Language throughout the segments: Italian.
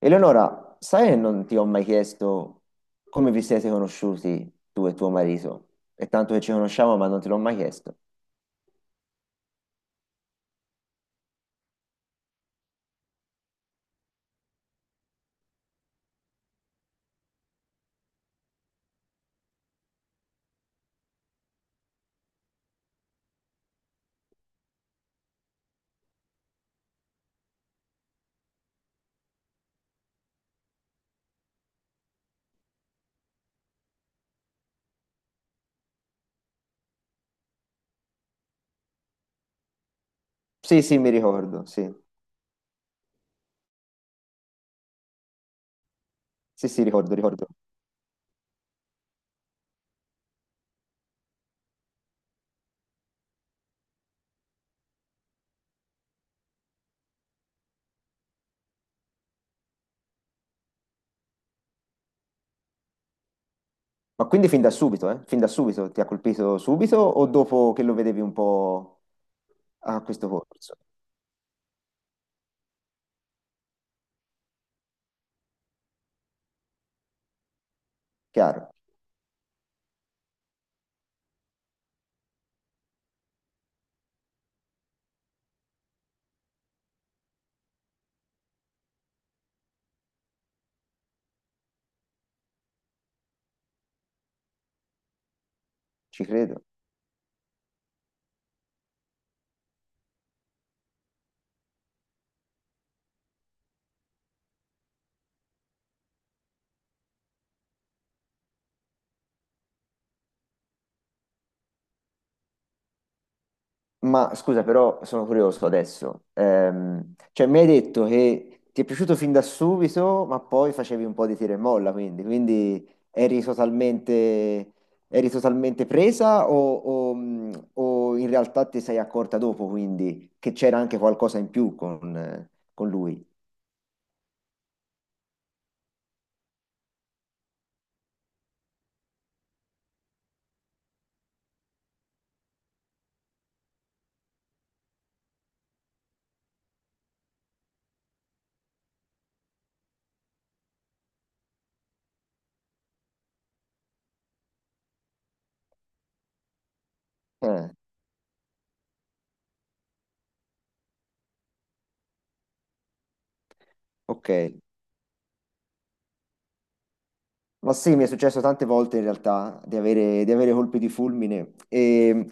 Eleonora, sai che non ti ho mai chiesto come vi siete conosciuti tu e tuo marito? È tanto che ci conosciamo, ma non te l'ho mai chiesto. Sì, sì, mi ricordo, sì. Sì, sì, ricordo, ricordo. Ma quindi fin da subito, eh? Fin da subito ti ha colpito subito o dopo che lo vedevi un po' a questo corso? Chiaro, ci credo. Ma scusa, però sono curioso adesso. Cioè, mi hai detto che ti è piaciuto fin da subito, ma poi facevi un po' di tira e molla, quindi, quindi eri totalmente presa o in realtà ti sei accorta dopo, quindi, che c'era anche qualcosa in più con lui? Eh, ok. Ma sì, mi è successo tante volte in realtà di avere colpi di fulmine e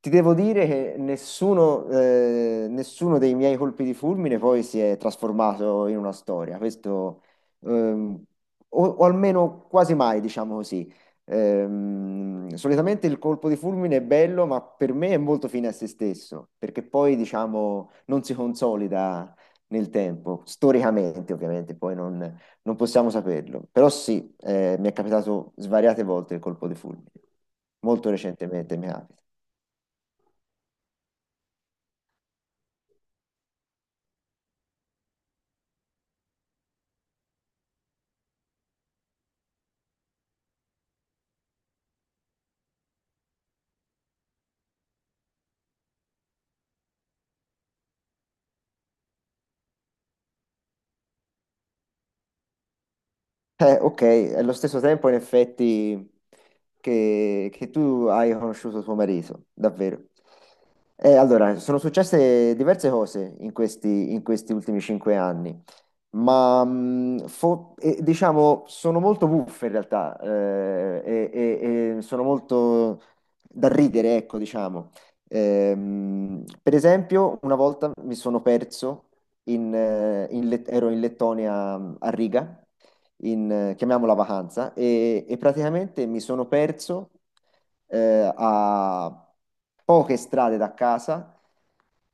ti devo dire che nessuno, nessuno dei miei colpi di fulmine poi si è trasformato in una storia, questo ehm, o almeno quasi mai, diciamo così. Solitamente il colpo di fulmine è bello, ma per me è molto fine a se stesso, perché poi diciamo non si consolida nel tempo, storicamente ovviamente, poi non possiamo saperlo, però sì, mi è capitato svariate volte il colpo di fulmine, molto recentemente mi capita. Ok, allo stesso tempo in effetti che tu hai conosciuto tuo marito, davvero. Allora, sono successe diverse cose in questi ultimi cinque anni. Ma diciamo sono molto buffe in realtà e, e sono molto da ridere, ecco, diciamo. Per esempio, una volta mi sono perso in, ero in Lettonia a Riga, in, chiamiamola vacanza, e praticamente mi sono perso a poche strade da casa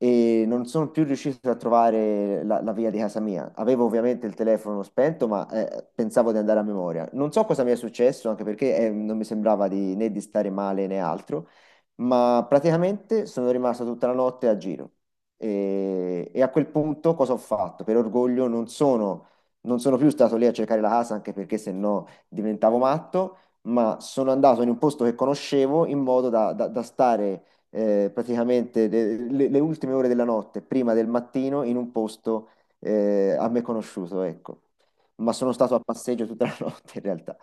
e non sono più riuscito a trovare la, la via di casa mia. Avevo ovviamente il telefono spento, ma pensavo di andare a memoria. Non so cosa mi è successo, anche perché non mi sembrava di, né di stare male né altro, ma praticamente sono rimasto tutta la notte a giro. E a quel punto cosa ho fatto? Per orgoglio non sono, non sono più stato lì a cercare la casa, anche perché se no diventavo matto, ma sono andato in un posto che conoscevo in modo da, da stare praticamente le, le ultime ore della notte, prima del mattino, in un posto a me conosciuto, ecco. Ma sono stato a passeggio tutta la notte in realtà.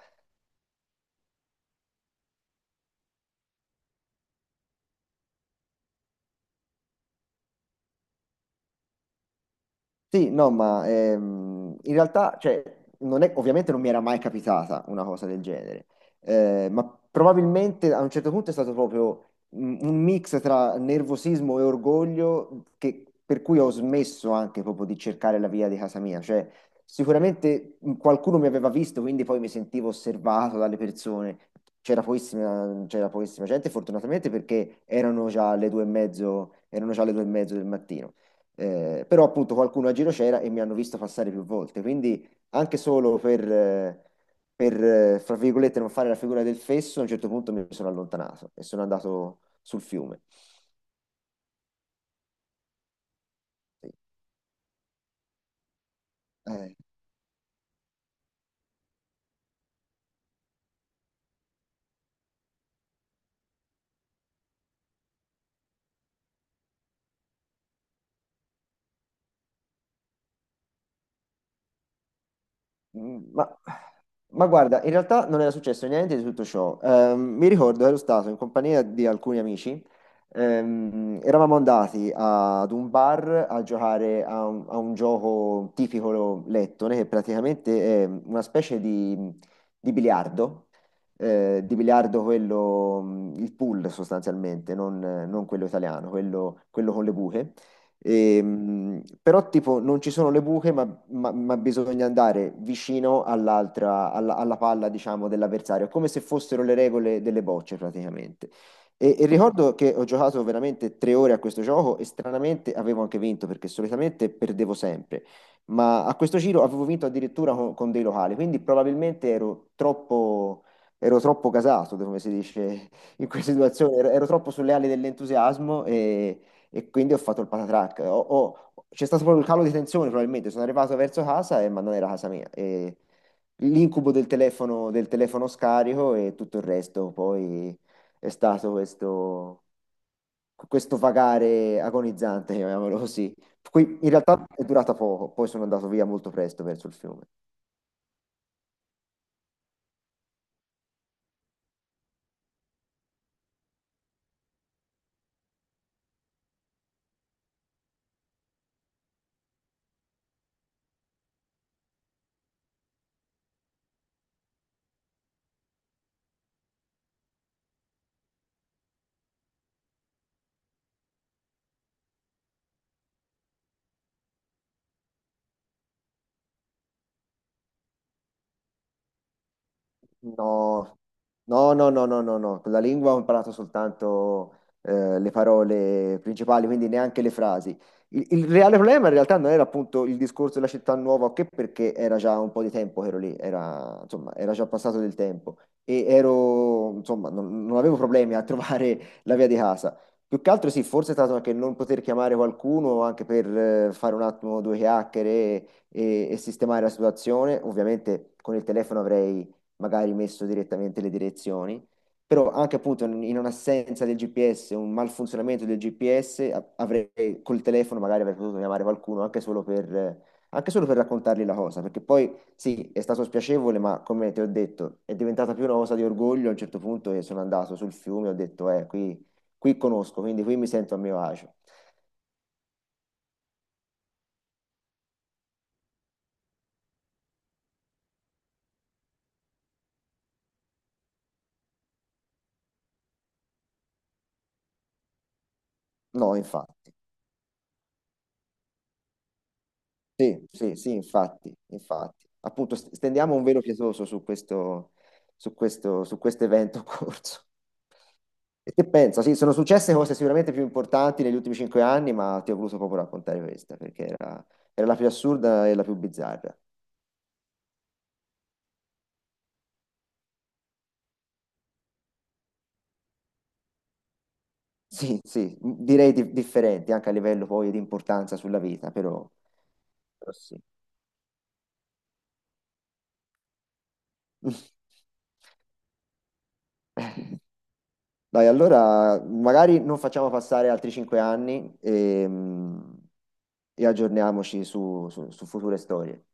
Sì, no, ma in realtà, cioè, non è- ovviamente non mi era mai capitata una cosa del genere, ma probabilmente a un certo punto è stato proprio un mix tra nervosismo e orgoglio per cui ho smesso anche proprio di cercare la via di casa mia. Cioè, sicuramente qualcuno mi aveva visto, quindi poi mi sentivo osservato dalle persone. C'era pochissima gente, fortunatamente, perché erano già le due e mezzo, erano già le due e mezzo del mattino. Però appunto qualcuno a giro c'era e mi hanno visto passare più volte, quindi anche solo per, per, fra virgolette, non fare la figura del fesso, a un certo punto mi sono allontanato e sono andato sul fiume. Sì. Eh, Mm, Ma, ma guarda, in realtà non era successo niente di tutto ciò. Mi ricordo, ero stato in compagnia di alcuni amici, eravamo andati ad un bar a giocare a un gioco tipico lettone, che praticamente è una specie di biliardo, di biliardo quello, il pool sostanzialmente, non, non quello italiano, quello con le buche. E, però tipo non ci sono le buche, ma, ma bisogna andare vicino all'altra, alla, alla palla, diciamo, dell'avversario, come se fossero le regole delle bocce praticamente. E ricordo che ho giocato veramente tre ore a questo gioco e stranamente avevo anche vinto perché solitamente perdevo sempre, ma a questo giro avevo vinto addirittura con dei locali, quindi probabilmente ero troppo gasato, come si dice in questa situazione, ero, ero troppo sulle ali dell'entusiasmo e quindi ho fatto il patatrack. C'è stato proprio il calo di tensione, probabilmente. Sono arrivato verso casa e ma non era casa mia. E l'incubo del telefono scarico e tutto il resto poi è stato questo, questo vagare agonizzante, chiamiamolo così. Qui in realtà è durata poco, poi sono andato via molto presto verso il fiume. No, no, no, no, no, no, no. Con la lingua ho imparato soltanto le parole principali, quindi neanche le frasi. Il reale problema in realtà non era appunto il discorso della città nuova, o che perché era già un po' di tempo che ero lì, era, insomma, era già passato del tempo e ero, insomma, non, non avevo problemi a trovare la via di casa. Più che altro sì, forse è stato anche non poter chiamare qualcuno anche per fare un attimo due chiacchiere e sistemare la situazione. Ovviamente con il telefono avrei magari messo direttamente le direzioni, però anche appunto in un'assenza del GPS, un malfunzionamento del GPS, avrei col telefono magari avrei potuto chiamare qualcuno anche solo per raccontargli la cosa, perché poi sì, è stato spiacevole, ma come ti ho detto, è diventata più una cosa di orgoglio a un certo punto e sono andato sul fiume e ho detto, qui, qui conosco, quindi qui mi sento a mio agio. No, infatti. Sì, sì, sì, infatti, infatti. Appunto, stendiamo un velo pietoso su questo, su questo, su questo evento corso. E che pensa? Sì, sono successe cose sicuramente più importanti negli ultimi cinque anni, ma ti ho voluto proprio raccontare questa, perché era, era la più assurda e la più bizzarra. Sì, sì, direi differenti anche a livello poi di importanza sulla vita, però, però sì. Dai, allora magari non facciamo passare altri cinque anni e, e aggiorniamoci su, su su future storie.